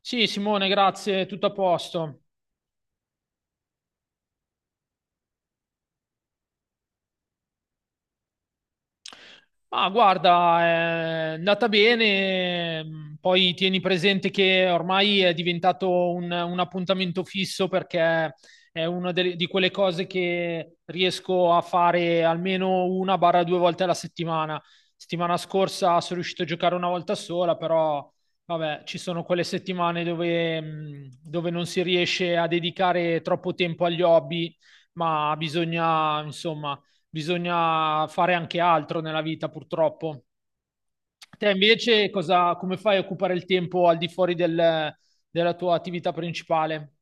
Sì, Simone, grazie, tutto a posto. Ma guarda, è andata bene, poi tieni presente che ormai è diventato un appuntamento fisso perché è una di quelle cose che riesco a fare almeno una barra due volte alla settimana. Settimana scorsa sono riuscito a giocare una volta sola, però vabbè, ci sono quelle settimane dove non si riesce a dedicare troppo tempo agli hobby, ma bisogna, insomma bisogna fare anche altro nella vita, purtroppo. Te invece cosa, come fai a occupare il tempo al di fuori della tua attività principale?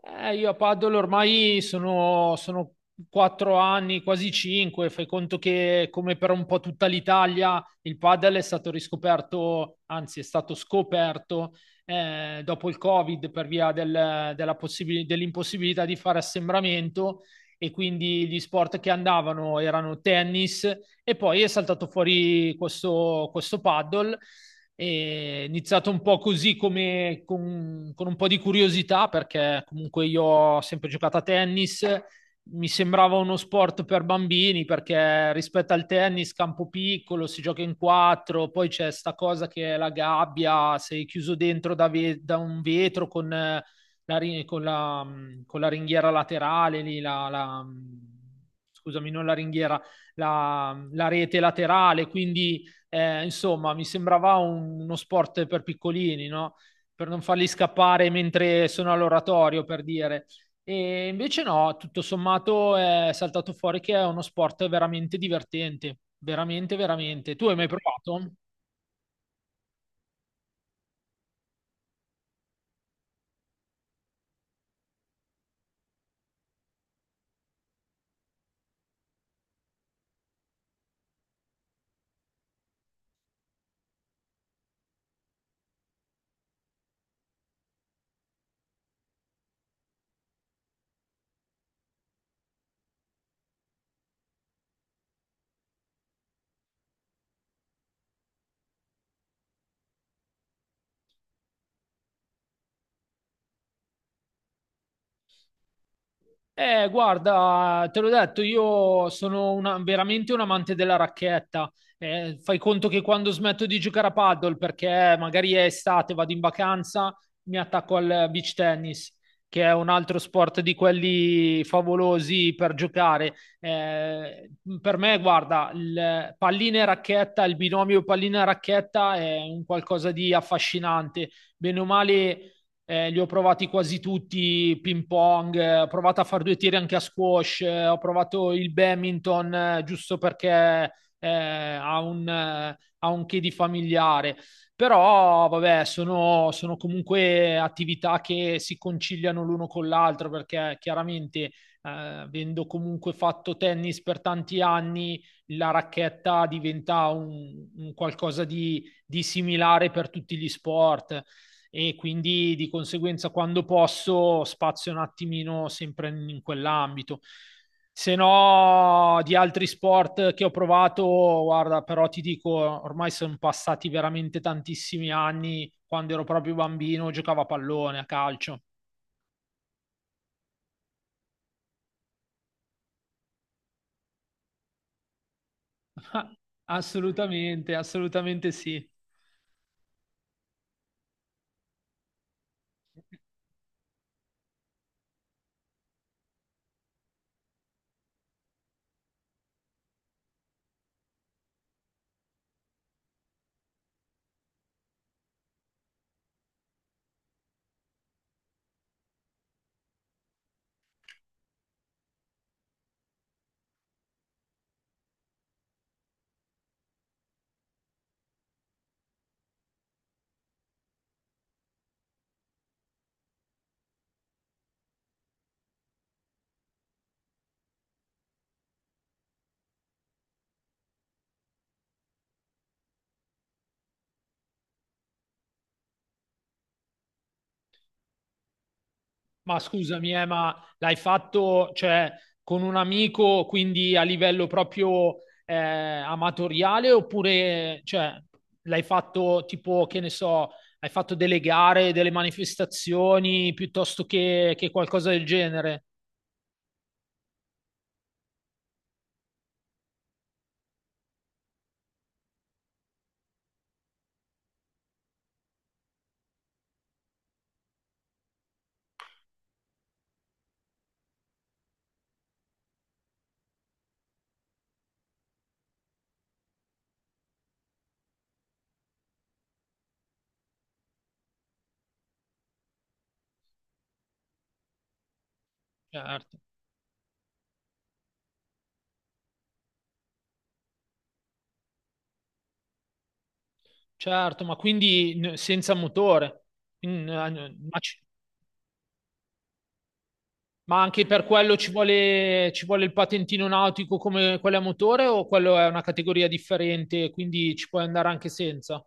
Io a Paddle ormai sono 4 anni, quasi 5. Fai conto che, come per un po' tutta l'Italia, il paddle è stato riscoperto, anzi, è stato scoperto dopo il Covid per via della dell'impossibilità di fare assembramento. E quindi gli sport che andavano erano tennis, e poi è saltato fuori questo paddle. È iniziato un po' così come con un po' di curiosità perché comunque io ho sempre giocato a tennis, mi sembrava uno sport per bambini perché rispetto al tennis campo piccolo, si gioca in quattro, poi c'è sta cosa che è la gabbia, sei chiuso dentro da un vetro con con con la ringhiera laterale, scusami, non la ringhiera, la rete laterale, quindi insomma, mi sembrava un- uno sport per piccolini, no? Per non farli scappare mentre sono all'oratorio, per dire. E invece no, tutto sommato è saltato fuori che è uno sport veramente divertente, veramente, veramente. Tu hai mai provato? Guarda, te l'ho detto, io sono una- veramente un amante della racchetta. Fai conto che quando smetto di giocare a paddle, perché magari è estate, vado in vacanza, mi attacco al beach tennis, che è un altro sport di quelli favolosi per giocare. Eh, per me, guarda, il pallina e racchetta, il binomio pallina e racchetta è un qualcosa di affascinante. Bene o male li ho provati quasi tutti, ping pong, ho provato a fare due tiri anche a squash, ho provato il badminton giusto perché ha un che di familiare. Però, vabbè, sono comunque attività che si conciliano l'uno con l'altro perché chiaramente, avendo comunque fatto tennis per tanti anni, la racchetta diventa un qualcosa di similare per tutti gli sport e quindi di conseguenza quando posso spazio un attimino sempre in quell'ambito. Se no, di altri sport che ho provato, guarda, però ti dico, ormai sono passati veramente tantissimi anni. Quando ero proprio bambino, giocavo a pallone, a calcio. Assolutamente, assolutamente sì. Ma scusami, ma l'hai fatto, cioè, con un amico, quindi a livello proprio amatoriale, oppure, cioè, l'hai fatto tipo, che ne so, hai fatto delle gare, delle manifestazioni, piuttosto che qualcosa del genere? Certo, certo, ma quindi n- senza motore. Mm, eh, n- ma, ci- ma anche per quello ci vuole il patentino nautico come quello a motore o quello è una categoria differente, quindi ci puoi andare anche senza?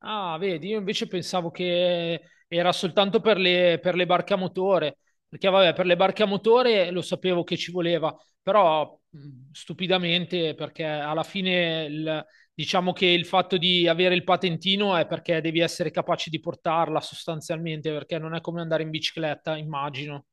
Ah, vedi, io invece pensavo che era soltanto per per le barche a motore, perché vabbè, per le barche a motore lo sapevo che ci voleva, però stupidamente, perché alla fine diciamo che il fatto di avere il patentino è perché devi essere capace di portarla sostanzialmente, perché non è come andare in bicicletta, immagino.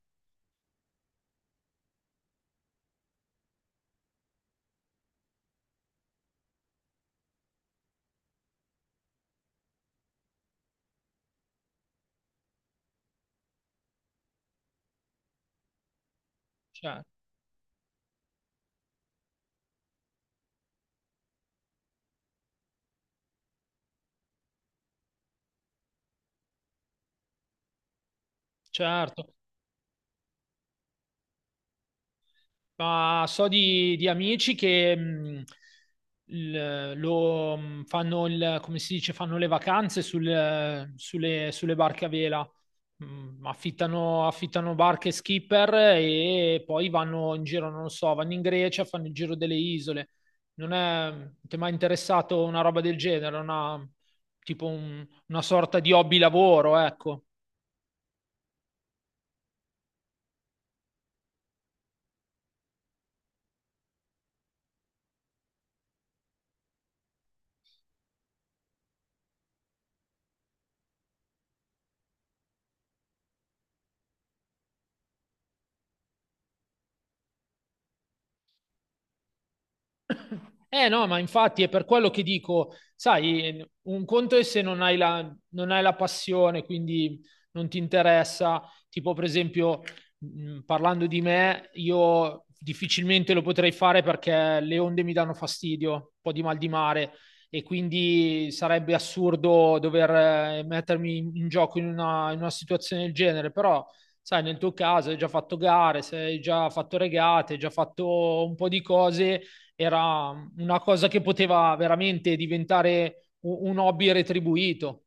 Cioè, certo. Ma so di amici che fanno il, come si dice, fanno le vacanze sulle barche a vela. Affittano barche skipper e poi vanno in giro, non lo so, vanno in Grecia, fanno il giro delle isole. Non è, ti è mai interessato una roba del genere? Una, tipo un- una sorta di hobby lavoro, ecco. Eh no, ma infatti è per quello che dico, sai, un conto è se non hai non hai la passione, quindi non ti interessa, tipo per esempio, parlando di me, io difficilmente lo potrei fare perché le onde mi danno fastidio, un po' di mal di mare e quindi sarebbe assurdo dover mettermi in in gioco in una situazione del genere, però sai, nel tuo caso hai già fatto gare, sei già fatto regate, hai già fatto un po' di cose era una cosa che poteva veramente diventare u- un hobby retribuito.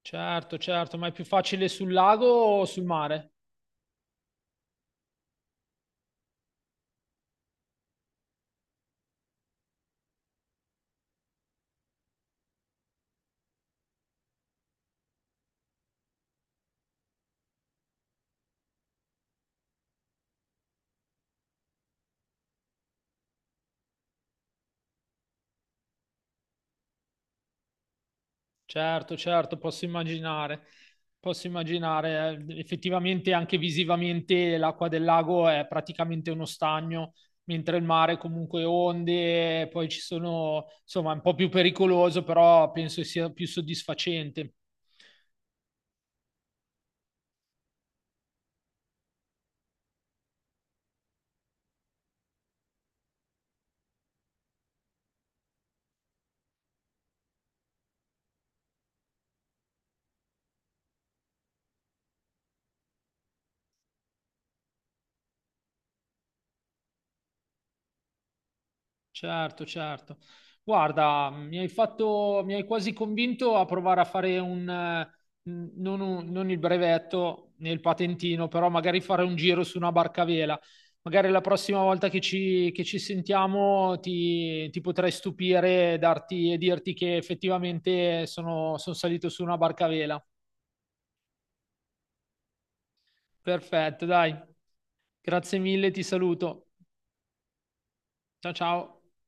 Certo, certo, ma è più facile sul lago o sul mare? Certo, certo, posso immaginare. Posso immaginare, effettivamente anche visivamente l'acqua del lago è praticamente uno stagno, mentre il mare comunque onde, poi ci sono, insomma, è un po' più pericoloso, però penso sia più soddisfacente. Certo, certo. Guarda, mi hai fatto, mi hai quasi convinto a provare a fare un, non, un- non il brevetto né il patentino, però magari fare un giro su una barca a vela. Magari la prossima volta che ci sentiamo ti potrei stupire e darti, e dirti che effettivamente sono salito su una barca a vela. Perfetto, dai. Grazie mille, ti saluto. Ciao, ciao.